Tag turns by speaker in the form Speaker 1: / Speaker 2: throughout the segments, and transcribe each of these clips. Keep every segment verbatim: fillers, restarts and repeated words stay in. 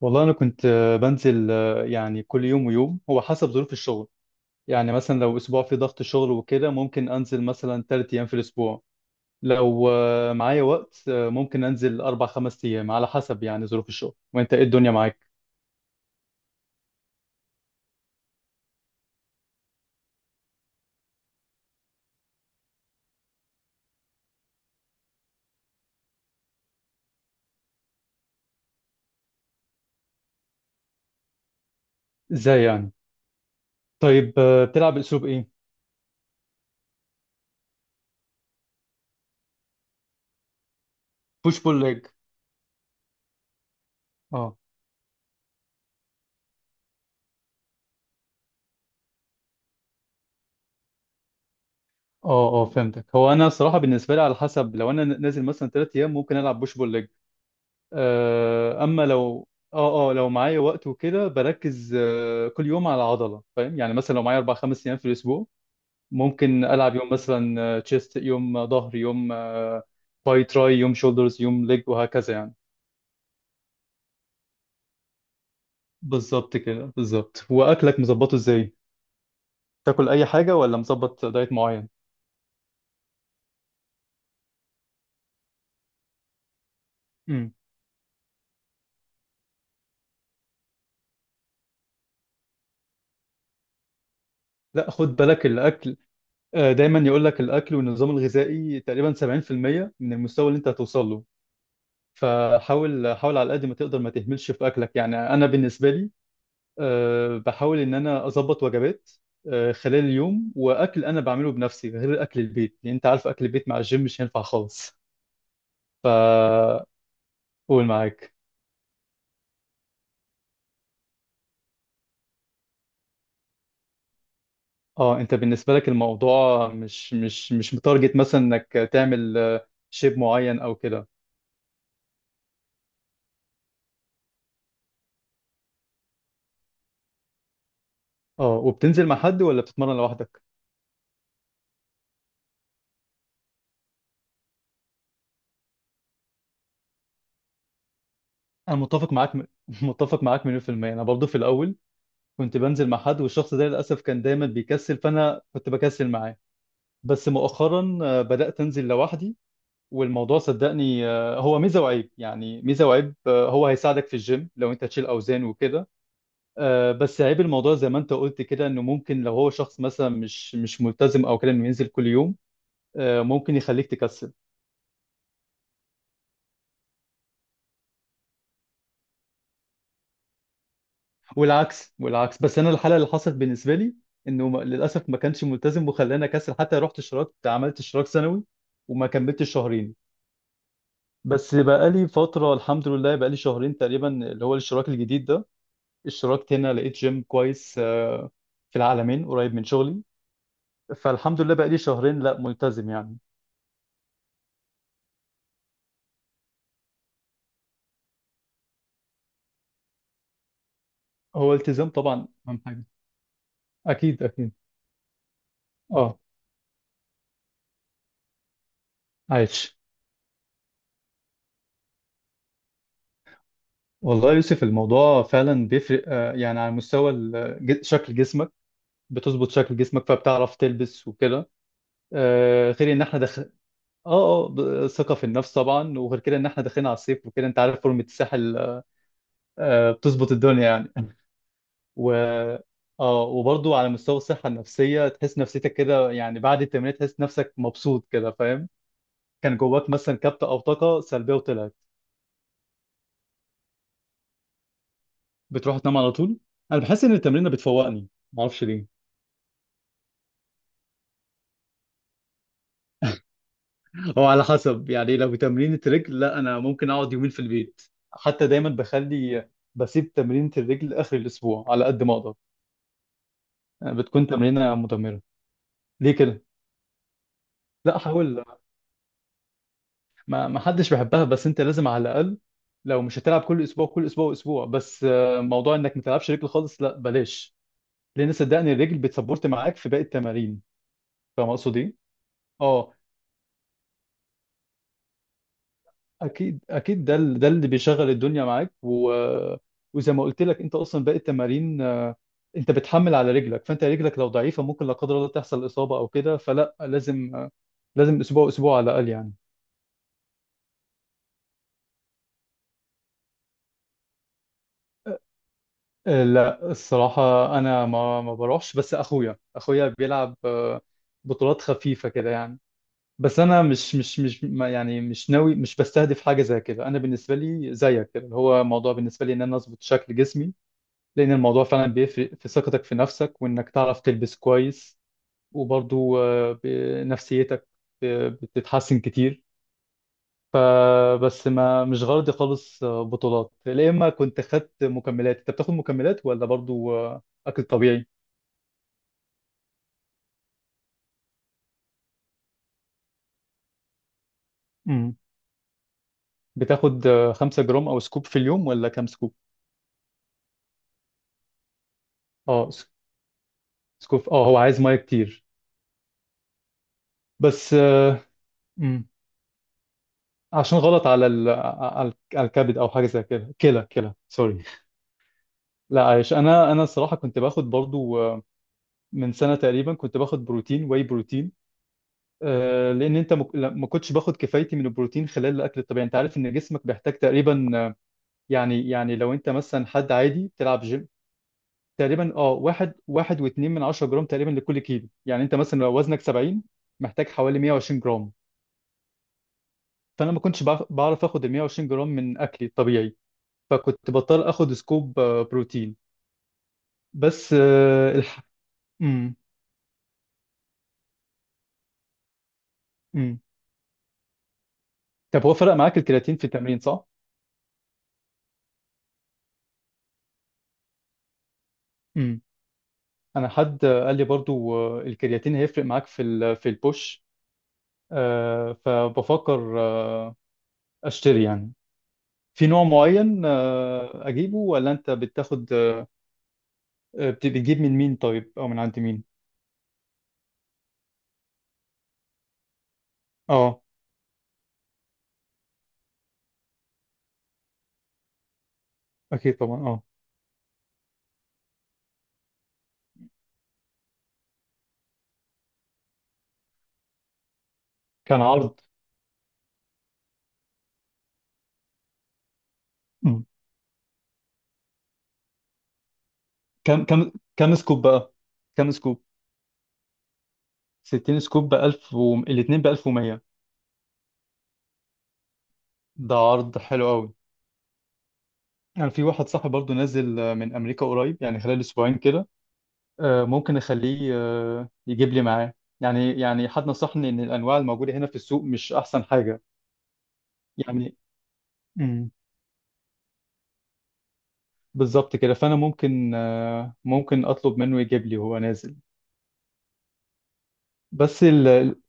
Speaker 1: والله انا كنت آه، بنزل آه، يعني كل يوم ويوم هو حسب ظروف الشغل. يعني مثلا لو اسبوع في ضغط شغل وكده ممكن انزل مثلا ثلاث ايام في الاسبوع. لو آه، معايا وقت آه، ممكن انزل اربع خمس ايام على حسب يعني ظروف الشغل. وانت ايه الدنيا معاك؟ ازاي يعني؟ طيب آه، بتلعب باسلوب ايه؟ بوش بول ليج. اه، اه، اه، فهمتك. هو انا صراحة بالنسبة لي على حسب. لو انا نازل مثلا ثلاث ايام ممكن العب بوش بول ليج، آه، اما لو اه اه لو معايا وقت وكده بركز آه، كل يوم على عضله. فاهم يعني؟ مثلا لو معايا اربع خمس ايام في الاسبوع ممكن العب يوم مثلا تشيست، يوم ظهر، يوم آه، باي تراي، يوم شولدرز، يوم ليج وهكذا يعني. بالظبط كده، بالظبط. واكلك مظبطه ازاي؟ تاكل اي حاجه ولا مظبط دايت معين؟ امم. لا، خد بالك. الاكل آه، دايما يقول لك الاكل والنظام الغذائي تقريبا سبعين في المئة من المستوى اللي انت هتوصل له. فحاول، حاول على قد ما تقدر ما تهملش في اكلك. يعني انا بالنسبه لي أه، بحاول ان انا اظبط وجبات أه، خلال اليوم، واكل انا بعمله بنفسي غير اكل البيت، لان انت عارف اكل البيت مع الجيم مش هينفع خالص. فقول معاك. اه، انت بالنسبه لك الموضوع مش مش مش متارجت مثلا انك تعمل أه، شيب معين او كده؟ اه، وبتنزل مع حد ولا بتتمرن لوحدك؟ انا متفق معاك م... متفق معاك مليون في المية. انا برضه في الاول كنت بنزل مع حد، والشخص ده للأسف كان دايما بيكسل فأنا كنت بكسل معاه. بس مؤخرا آه، بدأت أنزل لوحدي. والموضوع صدقني آه، هو ميزة وعيب، يعني ميزة وعيب. آه، هو هيساعدك في الجيم لو أنت تشيل أوزان وكده. آه، بس عيب الموضوع زي ما أنت قلت كده، إنه ممكن لو هو شخص مثلا مش مش ملتزم أو كده إنه ينزل كل يوم، آه، ممكن يخليك تكسل. والعكس، والعكس. بس أنا الحالة اللي حصلت بالنسبة لي إنه م- للأسف ما كانش ملتزم وخلاني أكسل. حتى رحت اشتركت، عملت اشتراك سنوي، وما كملتش شهرين. بس بقالي فترة، الحمد لله بقالي شهرين تقريبا اللي هو الاشتراك الجديد ده. اشتركت هنا لقيت جيم كويس آه، في العالمين قريب من شغلي. فالحمد لله بقالي شهرين لا ملتزم يعني. هو التزام طبعا أهم حاجة. أكيد، أكيد. أه، عايش. والله يا يوسف الموضوع فعلا بيفرق، آه، يعني على مستوى ال- ج- شكل جسمك. بتظبط شكل جسمك فبتعرف تلبس وكده. آه، غير ان احنا دخل. اه اه ب- ثقة في النفس طبعا. وغير كده ان احنا داخلين على الصيف وكده، انت عارف فورمة الساحل. آه، بتظبط الدنيا يعني. و اه وبرضه على مستوى الصحة النفسية تحس نفسيتك كده. يعني بعد التمرين تحس نفسك مبسوط كده. فاهم؟ كان جواك مثلا كبتة أو طاقة سلبية وطلعت. بتروح تنام على طول؟ أنا بحس إن التمرين بتفوقني، معرفش ليه. هو على حسب يعني. لو تمرين الرجل، لا أنا ممكن أقعد يومين في البيت. حتى دايما بخلي، بسيب تمرينة الرجل آخر الأسبوع على قد ما أقدر. يعني بتكون تمرينة مدمرة. ليه كده؟ لا، أحاول. ما ما حدش بيحبها بس انت لازم على الاقل. لو مش هتلعب كل اسبوع، كل اسبوع اسبوع بس، آه، موضوع انك ما تلعبش رجل خالص، لا بلاش. لان صدقني الرجل بتسبورت معاك في باقي التمارين. فاهم اقصد ايه؟ اه، اكيد اكيد. ده ال- ده اللي بيشغل الدنيا معاك و... وزي ما قلت لك انت اصلا باقي التمارين آه، انت بتحمل على رجلك. فانت رجلك لو ضعيفه ممكن لا قدر الله تحصل اصابه او كده. فلا، لازم آه، لازم اسبوع اسبوع على الاقل يعني. لا الصراحة أنا ما ما بروحش. بس أخويا أخويا بيلعب آه، بطولات خفيفة كده يعني. بس أنا مش مش مش ما يعني، مش ناوي، مش بستهدف حاجة زي كده. أنا بالنسبة لي زيك كده، اللي هو موضوع بالنسبة لي إن أنا أظبط شكل جسمي. لأن الموضوع فعلا بيفرق في ثقتك في نفسك، وإنك تعرف تلبس كويس. وبرضو آه، ب- نفسيتك آه، بتتحسن كتير. فبس، ما مش غرضي خالص بطولات. يا اما كنت خدت مكملات. انت بتاخد مكملات ولا برضو اكل طبيعي؟ امم. بتاخد خمسة جرام او سكوب في اليوم ولا كام سكوب؟ اه، س- سكوب. اه، هو عايز ميه كتير. بس آه، امم. عشان غلط على ال... على على الكبد او حاجه زي كده. كلى، كلى، سوري. لا، عايش. انا انا الصراحه كنت باخد برضو آه، من سنه تقريبا كنت باخد بروتين واي بروتين. آه، لان انت مك- لا- ما كنتش باخد كفايتي من البروتين خلال الاكل الطبيعي. انت عارف ان جسمك بيحتاج تقريبا، آه، يعني يعني لو انت مثلا حد عادي بتلعب جيم، تقريبا اه واحد واحد واتنين من عشرة جرام تقريبا لكل كيلو. يعني انت مثلا لو وزنك سبعين محتاج حوالي مية وعشرين جرام. فانا ما كنتش بعرف بعرف اخد ال مية وعشرين جرام من اكلي الطبيعي. فكنت بضطر اخد سكوب آه، بروتين. بس آه، الح... مم. مم. طب هو فرق معاك الكرياتين في التمرين، صح؟ مم. انا حد آه، قال لي برضو آه، الكرياتين هيفرق معاك في ال- في البوش. آه، فبفكر آه، اشتري يعني في نوع معين. آه، اجيبه ولا انت بتاخد آه، بت- بتجيب من مين طيب، او من عند مين؟ اه، اكيد طبعا. اه، كان عرض. مم. كم كم كم سكوب بقى؟ كم سكوب؟ ستين سكوب ب ألف و... الاثنين ب ألف ومئة؟ ده عرض حلو قوي. يعني في واحد صاحبي برضو نازل آه، من امريكا قريب، يعني خلال اسبوعين كده. آه، ممكن اخليه آه، يجيب لي معاه. يعني يعني حد نصحني ان الانواع الموجوده هنا في السوق مش احسن حاجه يعني. بالظبط كده. فانا ممكن آه، ممكن اطلب منه يجيب لي وهو نازل. بس ال... ال-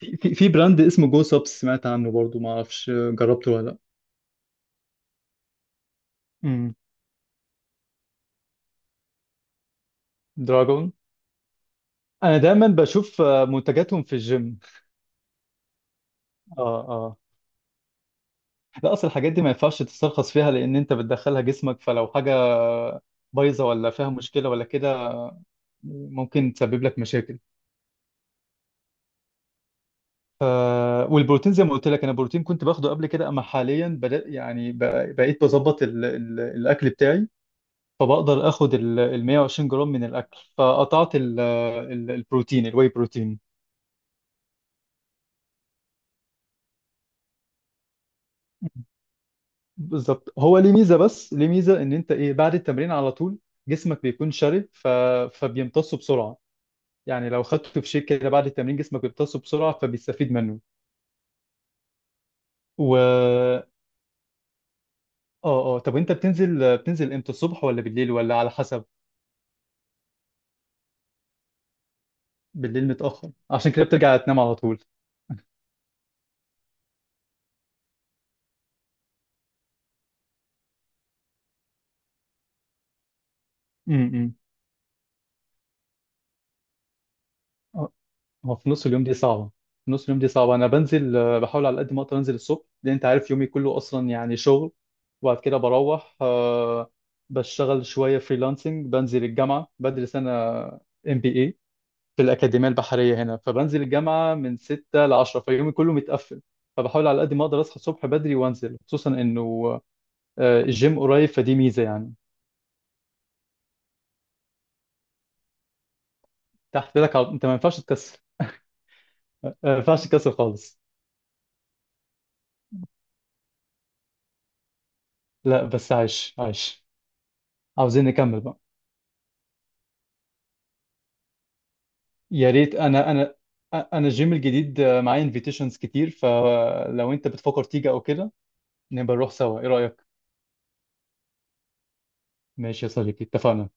Speaker 1: في في في براند اسمه جو سبس، سمعت عنه برضو؟ ما اعرفش آه، جربته ولا لا؟ امم. دراجون. انا دايما بشوف آه، منتجاتهم في الجيم. اه، اه. لا، اصل الحاجات دي ما ينفعش تسترخص فيها، لان انت بتدخلها جسمك. فلو حاجه بايظه ولا فيها مشكله ولا كده ممكن تسبب لك مشاكل. ف... والبروتين زي ما قلت لك، انا بروتين كنت باخده قبل كده. اما حاليا بدأ يعني بق- بقيت بظبط ال... ال... الاكل بتاعي. فبقدر اخد ال ال مية وعشرين جرام من الاكل. فقطعت ال ال البروتين الواي بروتين. بالظبط. هو ليه ميزه، بس ليه ميزه ان انت ايه، بعد التمرين على طول جسمك بيكون شرب ف... فبيمتصه بسرعه. يعني لو خدته في شيك كده بعد التمرين جسمك بيمتصه بسرعه فبيستفيد منه. و اه اه طب وانت بتنزل بتنزل امتى؟ الصبح ولا بالليل ولا على حسب؟ بالليل متاخر عشان كده بترجع تنام على طول. امم، إمم. هو في نص اليوم دي صعبة. في نص اليوم دي صعبة. أنا بنزل آه، بحاول على قد ما أقدر أنزل الصبح، لأن أنت عارف يومي كله أصلا يعني شغل. وبعد كده بروح آه، بشتغل شوية فريلانسنج، بنزل الجامعة بدرس أنا ام بي ايه في الأكاديمية البحرية هنا. فبنزل الجامعة من ستة ل عشرة، فيومي كله متقفل. فبحاول على قد ما أقدر أصحى الصبح بدري وأنزل، خصوصا إنه آه، الجيم قريب فدي ميزة يعني. تحت لك على... أنت ما ينفعش تكسر. آه، ما ينفعش تكسر خالص. لا بس عايش، عايش. عاوزين نكمل بقى. يا ريت. انا انا انا الجيم الجديد معايا انفيتيشنز كتير. فلو انت بتفكر تيجي او كده نبقى نروح سوا. ايه رأيك؟ ماشي يا صديقي، اتفقنا.